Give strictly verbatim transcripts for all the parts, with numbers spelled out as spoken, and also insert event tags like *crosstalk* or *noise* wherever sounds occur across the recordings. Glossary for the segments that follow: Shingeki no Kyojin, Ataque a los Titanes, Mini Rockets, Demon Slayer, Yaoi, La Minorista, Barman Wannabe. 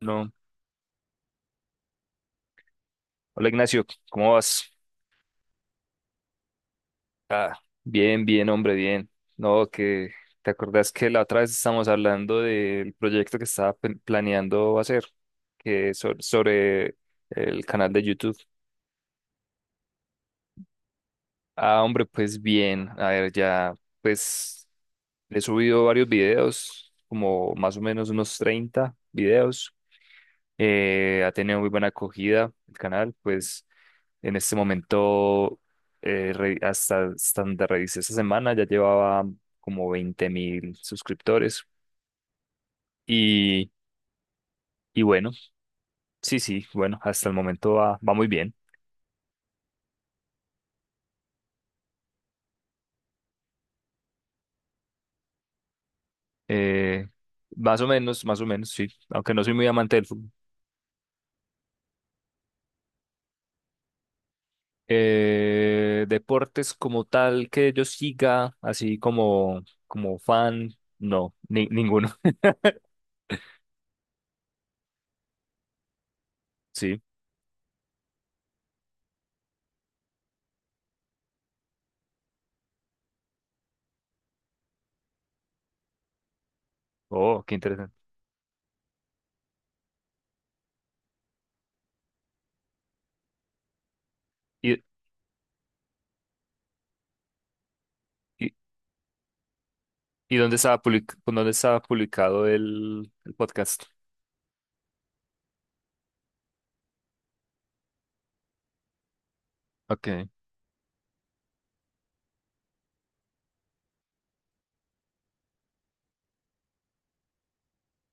No. Hola Ignacio, ¿cómo vas? Ah, bien, bien, hombre, bien. No, que te acordás que la otra vez estábamos hablando del proyecto que estaba pe- planeando hacer, que es so- sobre el canal de YouTube. Ah, hombre, pues bien, a ver, ya, pues he subido varios videos, como más o menos unos treinta videos. Eh, ha tenido muy buena acogida el canal, pues en este momento, eh, re- hasta, hasta donde revisé esta semana, ya llevaba como veinte mil suscriptores. Y, y bueno, sí, sí, bueno, hasta el momento va, va muy bien. Eh, más o menos, más o menos, sí, aunque no soy muy amante del fútbol. Eh, deportes como tal que yo siga, así como, como fan, no, ni- ninguno. *laughs* Sí, oh, qué interesante. ¿Y, y, ¿Y dónde estaba public- dónde estaba publicado el, el podcast? Okay.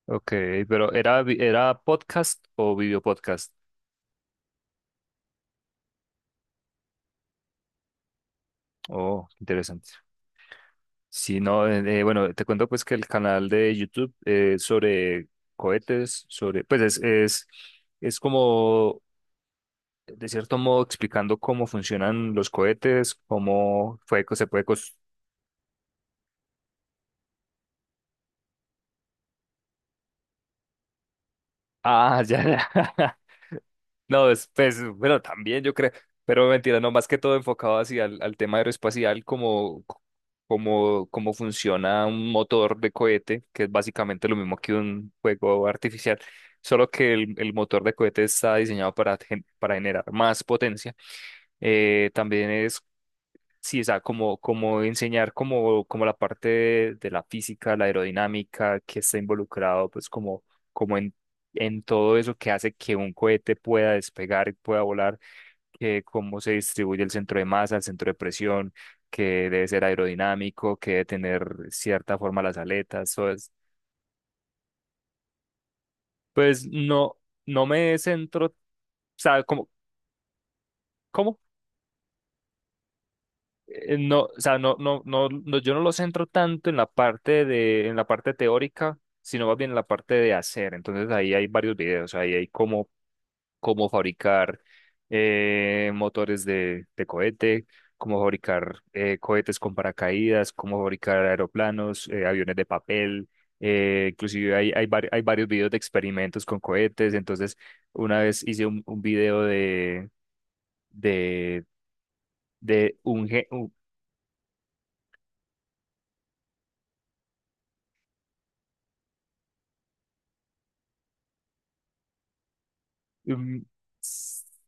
Ok, pero ¿era, vi- ¿era podcast o video podcast? Oh, interesante. Sí, no, eh, eh, bueno, te cuento pues que el canal de YouTube eh, sobre cohetes, sobre, pues es, es, es como, de cierto modo, explicando cómo funcionan los cohetes, cómo fue que se puede cos- Ah, *laughs* ya, ya. No, después, bueno, también yo creo, pero mentira, no, más que todo enfocado hacia al al tema aeroespacial, como, como, como funciona un motor de cohete, que es básicamente lo mismo que un fuego artificial, solo que el, el motor de cohete está diseñado para, gen- para generar más potencia. Eh, también es sí, o sea, como, como enseñar como, como la parte de, de la física, la aerodinámica, que está involucrado, pues como, como en, en todo eso que hace que un cohete pueda despegar y pueda volar, que cómo se distribuye el centro de masa, el centro de presión, que debe ser aerodinámico, que debe tener cierta forma las aletas, o es- pues no, no me centro, o sea, como, eh, no, o sea, no, no, no, no, yo no lo centro tanto en la parte de, en la parte teórica, sino más bien en la parte de hacer. Entonces ahí hay varios videos, ahí hay cómo, cómo fabricar eh, motores de, de cohete, cómo fabricar eh, cohetes con paracaídas, cómo fabricar aeroplanos, eh, aviones de papel. eh, inclusive hay, hay, vari- hay varios videos de experimentos con cohetes. Entonces, una vez hice un, un video de, de, de un, gen mm,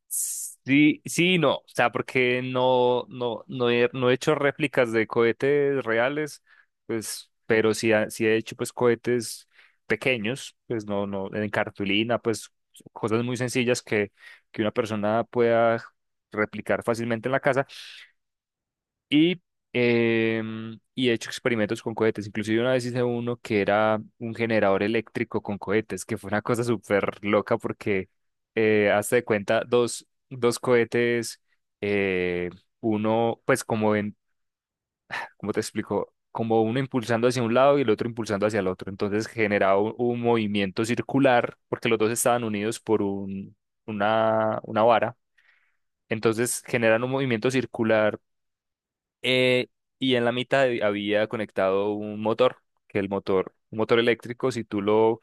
sí, sí, y no, o sea, porque no, no, no he, no he hecho réplicas de cohetes reales, pues, pero sí, ha- sí he hecho pues cohetes pequeños, pues no, no, en cartulina, pues cosas muy sencillas que, que una persona pueda replicar fácilmente en la casa, y, em, y he hecho experimentos con cohetes. Inclusive una vez hice uno que era un generador eléctrico con cohetes, que fue una cosa súper loca porque eh, hazte de cuenta dos, dos cohetes, eh, uno pues como en, ¿cómo te explico? Como uno impulsando hacia un lado y el otro impulsando hacia el otro. Entonces generaba un, un movimiento circular porque los dos estaban unidos por un, una, una vara. Entonces generan un movimiento circular eh, y en la mitad hab- había conectado un motor, que el motor, un motor eléctrico, si tú lo,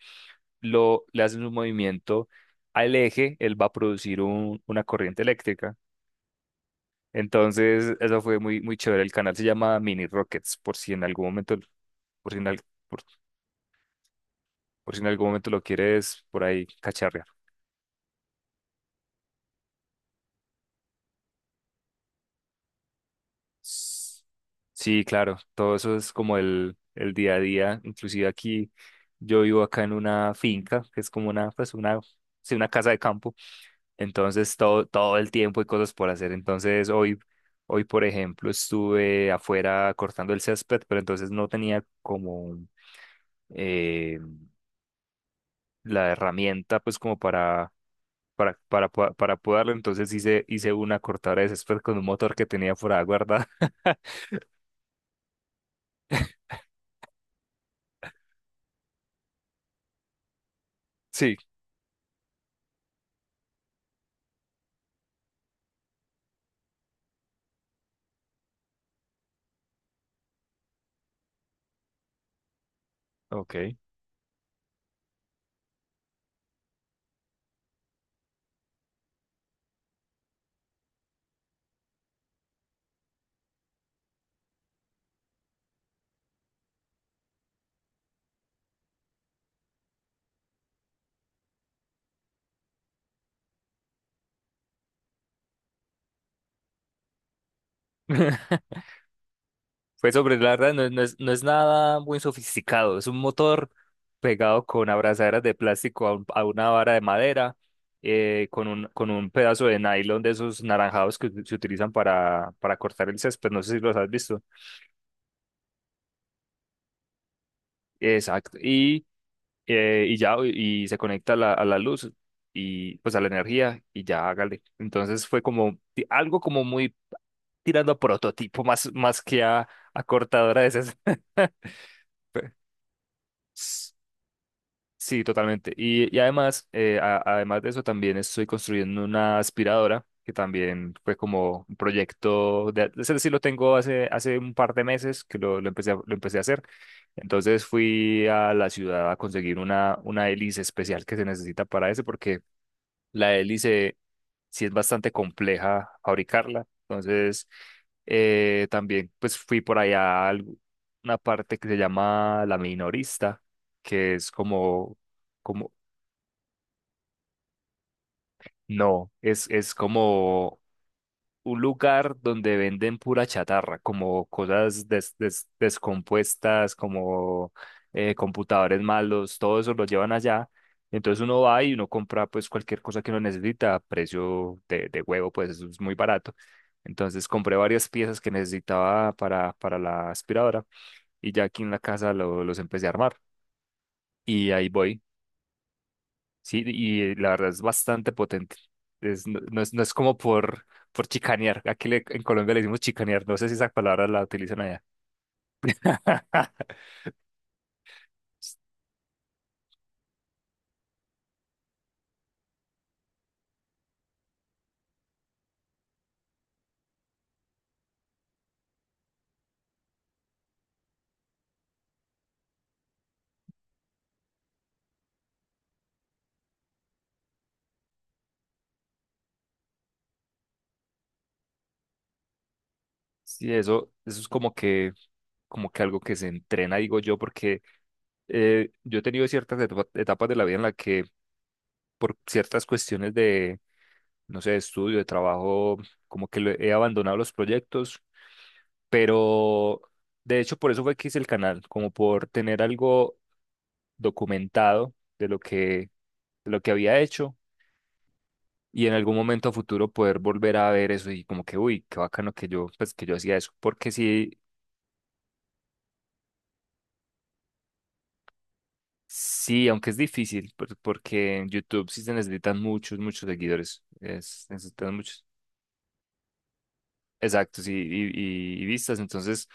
lo le haces un movimiento al eje, él va a producir un- una corriente eléctrica. Entonces, eso fue muy, muy chévere. El canal se llama Mini Rockets, por si en algún momento, por si en, al- por, por si en algún momento lo quieres por ahí cacharrear. S- sí, claro, todo eso es como el, el día a día. Inclusive aquí, yo vivo acá en una finca, que es como una, pues una, sí, una casa de campo. Entonces todo, todo el tiempo hay cosas por hacer. Entonces hoy, hoy, por ejemplo, estuve afuera cortando el césped, pero entonces no tenía como eh, la herramienta pues como para, para, para, po- para podarlo. Entonces hice, hice una cortadora de césped con un motor que tenía por ahí guardada. *laughs* Sí, ok. *laughs* Fue sobre, la verdad, no, es, no es no es nada muy sofisticado. Es un motor pegado con abrazaderas de plástico a, un- a una vara de madera, eh, con un, con un pedazo de nylon de esos naranjados que se utilizan para, para cortar el césped. No sé si los has visto. Exacto. Y, eh, y ya, y se conecta a la, a la luz y pues a la energía y ya hágale. Entonces fue como ti- algo como muy tirando a prototipo más, más que a, a cortadora de esas. *laughs* Sí, totalmente. Y, y además, eh, a- además de eso, también estoy construyendo una aspiradora, que también fue como un proyecto, de, es decir, lo tengo hace, hace un par de meses que lo, lo empecé a, lo empecé a hacer. Entonces fui a la ciudad a conseguir una, una hélice especial que se necesita para eso, porque la hélice sí es bastante compleja fabricarla. Entonces, eh, también pues fui por allá a algu- una parte que se llama La Minorista, que es como, como, no, es, es como un lugar donde venden pura chatarra, como cosas des- des- descompuestas, como eh, computadores malos, todo eso lo llevan allá. Entonces uno va y uno compra pues cualquier cosa que uno necesita a precio de, de huevo, pues eso es muy barato. Entonces compré varias piezas que necesitaba para, para la aspiradora y ya aquí en la casa lo- los empecé a armar. Y ahí voy. Sí, y la verdad es bastante potente. Es, no, no es, no es como por, por chicanear. Aquí le- en Colombia le decimos chicanear. No sé si esa palabra la utilizan allá. *laughs* Sí, eso, eso es como que, como que algo que se entrena, digo yo, porque eh, yo he tenido ciertas etapa- etapas de la vida en la que por ciertas cuestiones de, no sé, de estudio, de trabajo, como que lo- he abandonado los proyectos, pero de hecho por eso fue que hice el canal, como por tener algo documentado de lo que, de lo que había hecho y en algún momento a futuro poder volver a ver eso y como que, uy, qué bacano que yo, pues que yo hacía eso, porque sí, sí, aunque es difícil, por- porque en YouTube sí se necesitan muchos, muchos seguidores, es, necesitan muchos, exactos y, y, y- y vistas, entonces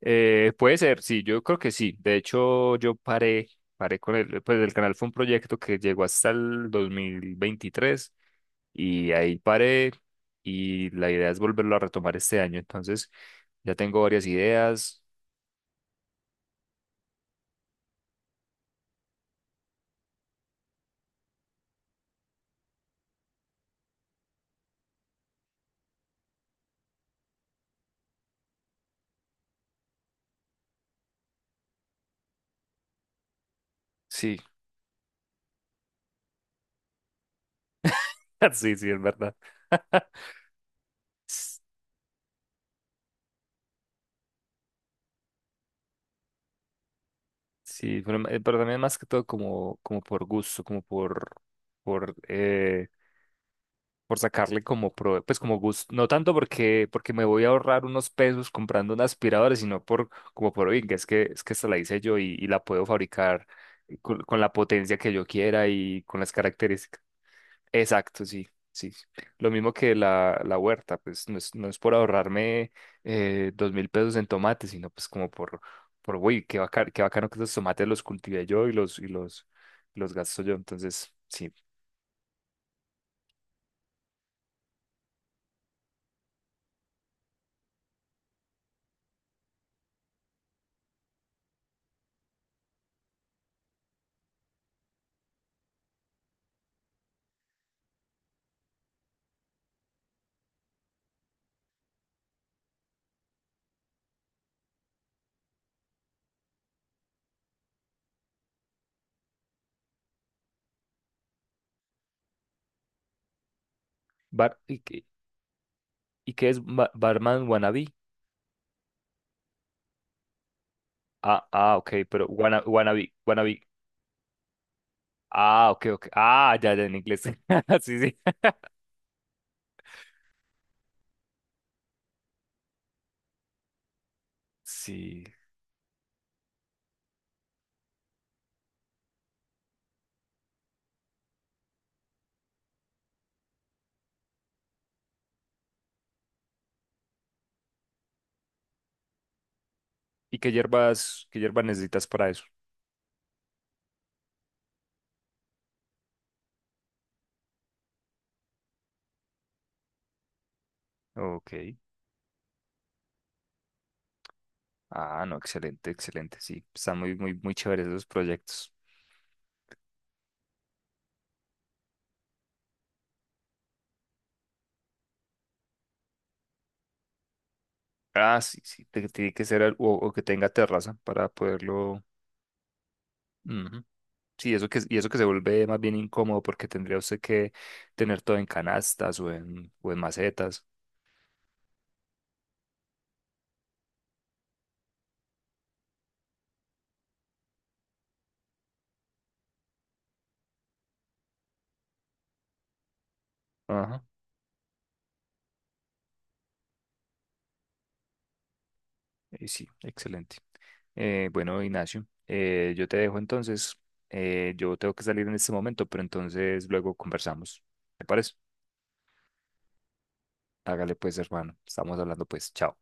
eh, puede ser, sí, yo creo que sí, de hecho yo paré, paré con el, pues el canal fue un proyecto que llegó hasta el dos mil veintitrés y ahí paré y la idea es volverlo a retomar este año. Entonces, ya tengo varias ideas. Sí, *laughs* sí, sí, es verdad. *laughs* S- sí, pero, ma- eh, pero también más que todo como, como por gusto, como por, por, eh, por sacarle como, pro- pues como gusto, no tanto porque, porque me voy a ahorrar unos pesos comprando una aspiradora, sino por, como por, oiga, es que, es que esta la hice yo y, y la puedo fabricar eh, con, con la potencia que yo quiera y con las características exacto, sí, sí. Lo mismo que la, la huerta, pues no es, no es por ahorrarme eh, dos mil pesos en tomates, sino pues como por, por uy, qué bacano, qué bacano que esos tomates los cultive yo y los, y los, los gasto yo. Entonces, sí. Bar, ¿y, qué, ¿y qué es ba- Barman Wannabe? Ah, ah, ok, pero wanna- Wannabe, Wannabe. Ah, ok, ok. Ah, ya, ya en inglés. *laughs* Sí, sí. Sí. ¿Y qué hierbas, qué hierbas necesitas para eso? Ok. Ah, no, excelente, excelente, sí. Están muy, muy, muy chéveres esos proyectos. Ah, sí, sí, te- tiene que ser al- o, o que tenga terraza para poderlo. Ujú. Sí, eso que, y eso que se vuelve más bien incómodo porque tendría usted que tener todo en canastas o en, o en macetas. Ajá. Y sí, excelente. Eh, bueno, Ignacio, eh, yo te dejo entonces. Eh, yo tengo que salir en este momento, pero entonces luego conversamos. ¿Te parece? Hágale pues, hermano. Estamos hablando pues. Chao.